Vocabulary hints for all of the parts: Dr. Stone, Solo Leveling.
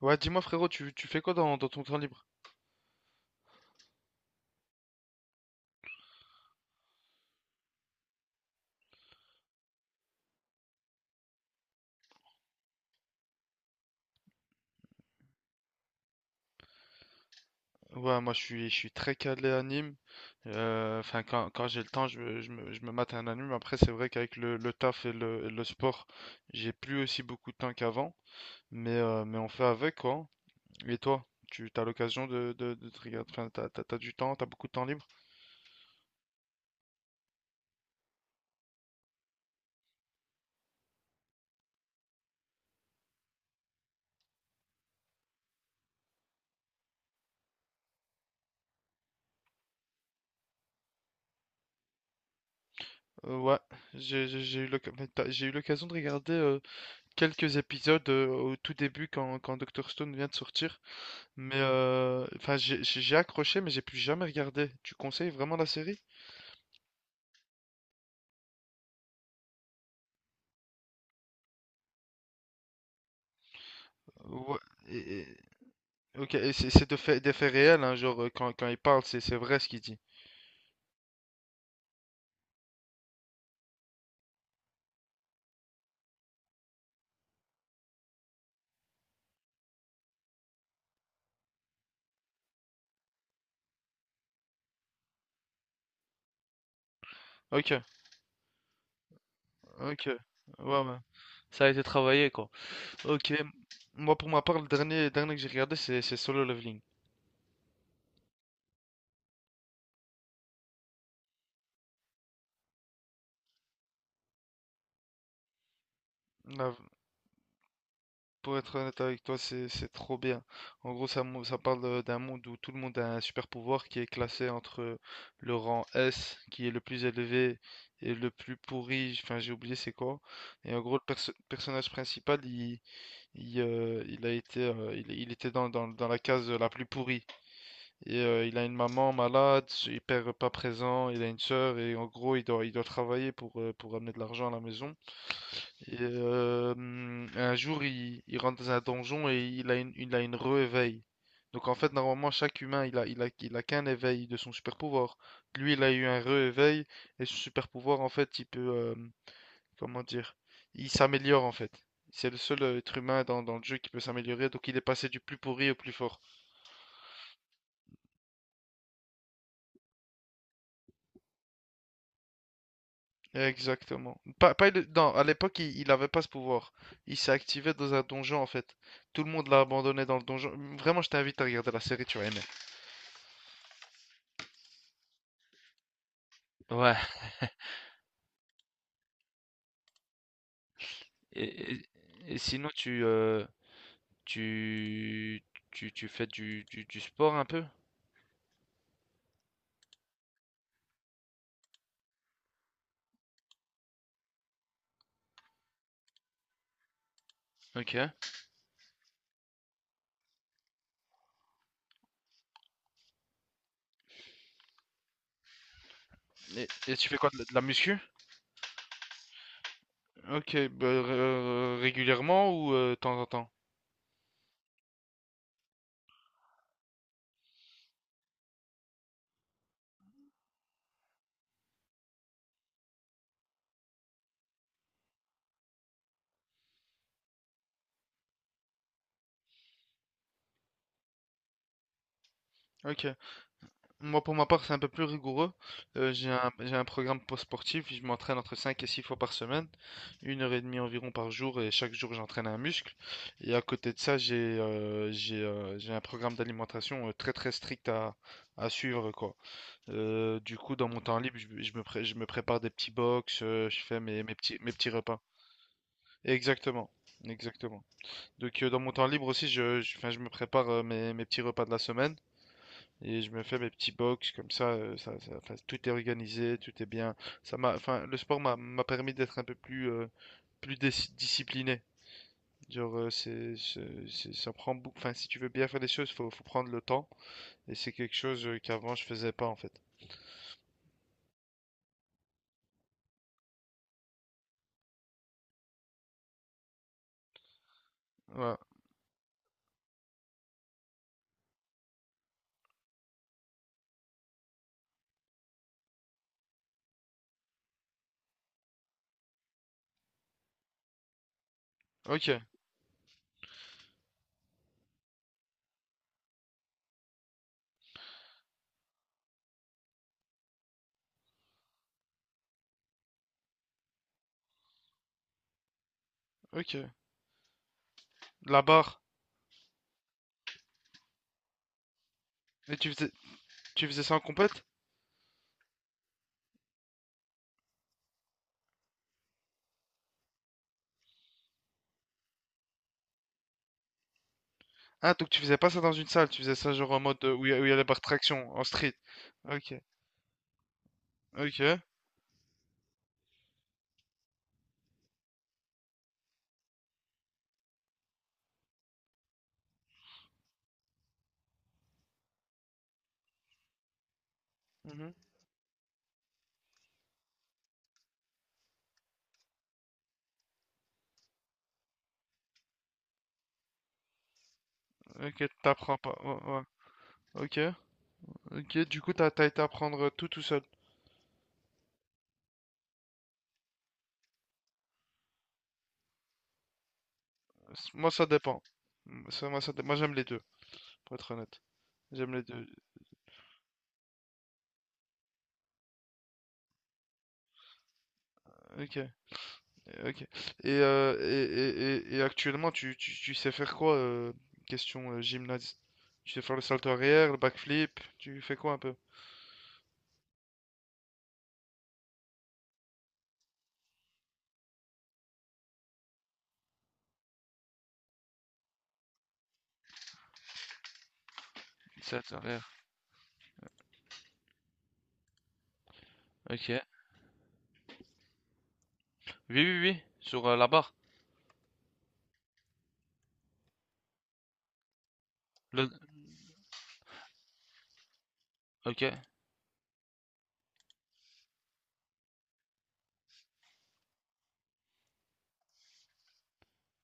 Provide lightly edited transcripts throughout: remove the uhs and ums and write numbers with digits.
Ouais, dis-moi frérot, tu fais quoi dans ton temps libre? Ouais, moi je suis très calé anime. Enfin, quand j'ai le temps, je me mate un anime. Après, c'est vrai qu'avec le taf et le sport, j'ai plus aussi beaucoup de temps qu'avant. Mais on fait avec quoi. Et toi, tu as l'occasion de te regarder. Enfin, t'as du temps, t'as beaucoup de temps libre. Ouais, j'ai eu l'occasion de regarder quelques épisodes au tout début quand Dr. Stone vient de sortir. Mais enfin, j'ai accroché, mais j'ai plus jamais regardé. Tu conseilles vraiment la série? Ouais. et- et- ok, et c'est de fait, des faits réels, hein, genre quand il parle, c'est vrai ce qu'il dit. Ok, ok. Ouais, ouais. Ça a été travaillé, quoi. Ok. Moi, pour ma part, le dernier que j'ai regardé, c'est Solo Leveling. Pour être honnête avec toi, c'est trop bien. En gros, ça parle d'un monde où tout le monde a un super pouvoir qui est classé entre le rang S, qui est le plus élevé, et le plus pourri. Enfin, j'ai oublié c'est quoi. Et en gros, le personnage principal, il a été, il était dans la case la plus pourrie. Et il a une maman malade, pas présent, il a une sœur, et en gros, il doit travailler pour amener de l'argent à la maison. Et, un jour, il rentre dans un donjon et il a une re-éveil. Donc en fait, normalement, chaque humain, il a qu'un éveil de son super pouvoir. Lui, il a eu un re-éveil et son super pouvoir, en fait, il peut, comment dire, il s'améliore en fait. C'est le seul être humain dans le jeu qui peut s'améliorer, donc il est passé du plus pourri au plus fort. Exactement. Pas, pas le- Non, à l'époque, il avait pas ce pouvoir. Il s'est activé dans un donjon en fait. Tout le monde l'a abandonné dans le donjon. Vraiment, je t'invite à regarder la série, tu vas aimer. Ouais. Et, et- et sinon, tu, tu fais du sport un peu? Ok. Et tu fais quoi, de la muscu? Ok, bah, régulièrement ou de temps en temps? Ok. Moi, pour ma part, c'est un peu plus rigoureux. J'ai un programme post-sportif. Je m'entraîne entre 5 et 6 fois par semaine, une heure et demie environ par jour, et chaque jour, j'entraîne un muscle. Et à côté de ça, j'ai un programme d'alimentation très très strict à suivre, quoi. Du coup, dans mon temps libre, je me prépare des petits box, je fais mes petits repas. Exactement, exactement. Donc, dans mon temps libre aussi, enfin je me prépare mes petits repas de la semaine et je me fais mes petits box comme ça. 'Fin, tout est organisé, tout est bien. Enfin, le sport m'a permis d'être un peu plus, plus discipliné. Genre, ça prend beaucoup. Enfin, si tu veux bien faire des choses, faut prendre le temps. Et c'est quelque chose qu'avant je faisais pas en fait. Ouais. Ok, ok. La barre. Mais tu faisais ça en compète? Ah, donc tu faisais pas ça dans une salle, tu faisais ça genre en mode où il y a les barres traction, en street. Ok, ok, mhm, ok, t'apprends pas, ouais, ouais. Ok, ok, du coup t'as été apprendre tout tout seul. Moi ça dépend. Mm, Ça, moi ça dé- moi j'aime les deux, pour être honnête. J'aime les deux. Ok, ok. Et actuellement tu sais faire quoi, question gymnase? Tu sais faire le salto arrière, le backflip, tu fais quoi un peu? Ça a Ok. Oui, oui, oui, sur là-bas. Le... Ok,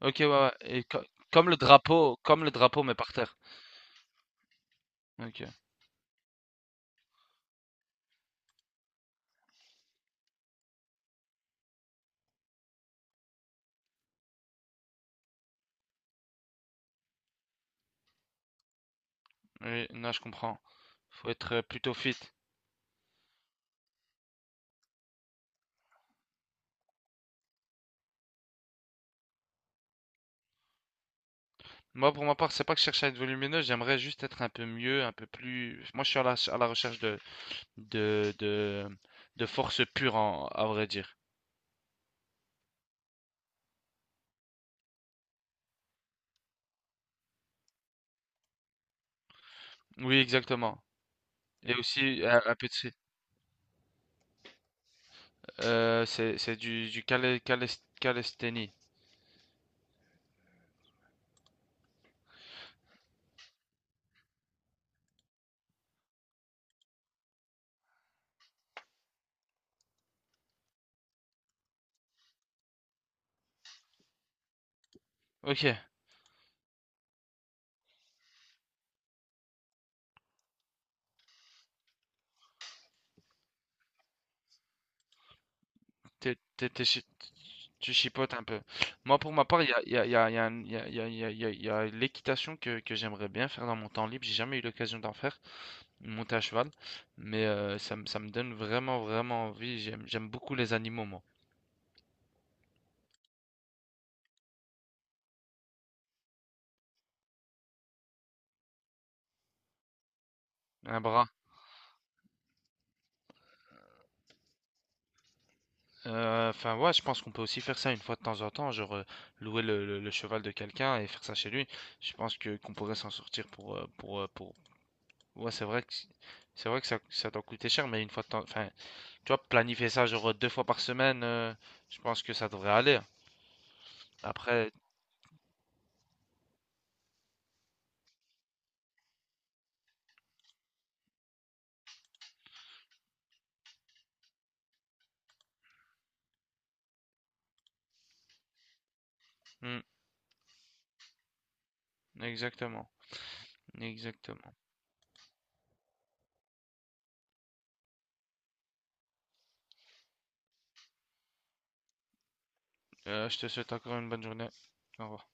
ok, ouais, ouais. Comme le drapeau, comme le drapeau, mais par terre. Ok, oui, non, je comprends. Faut être plutôt fit. Moi, pour ma part, c'est pas que je cherche à être volumineux, j'aimerais juste être un peu mieux, un peu plus. Moi, je suis à la recherche de, de, de force pure, à vrai dire. Oui, exactement. Et aussi, un peu de. C'est du calisthénie. Ok, t'es- t'es- t'es chi- tu chipotes un peu. Moi, pour ma part, il y a l'équitation que j'aimerais bien faire dans mon temps libre. J'ai jamais eu l'occasion d'en faire, monter à cheval. Mais ça me donne vraiment, vraiment envie. J'aime beaucoup les animaux, moi. Un bras. Enfin, ouais, je pense qu'on peut aussi faire ça une fois de temps en temps, genre louer le cheval de quelqu'un et faire ça chez lui. Je pense que qu'on pourrait s'en sortir pour. Ouais, c'est vrai que ça doit coûter cher, mais une fois de temps, enfin, tu vois, planifier ça genre 2 fois par semaine, je pense que ça devrait aller. Après, hmm, exactement, exactement. Je te souhaite encore une bonne journée. Au revoir.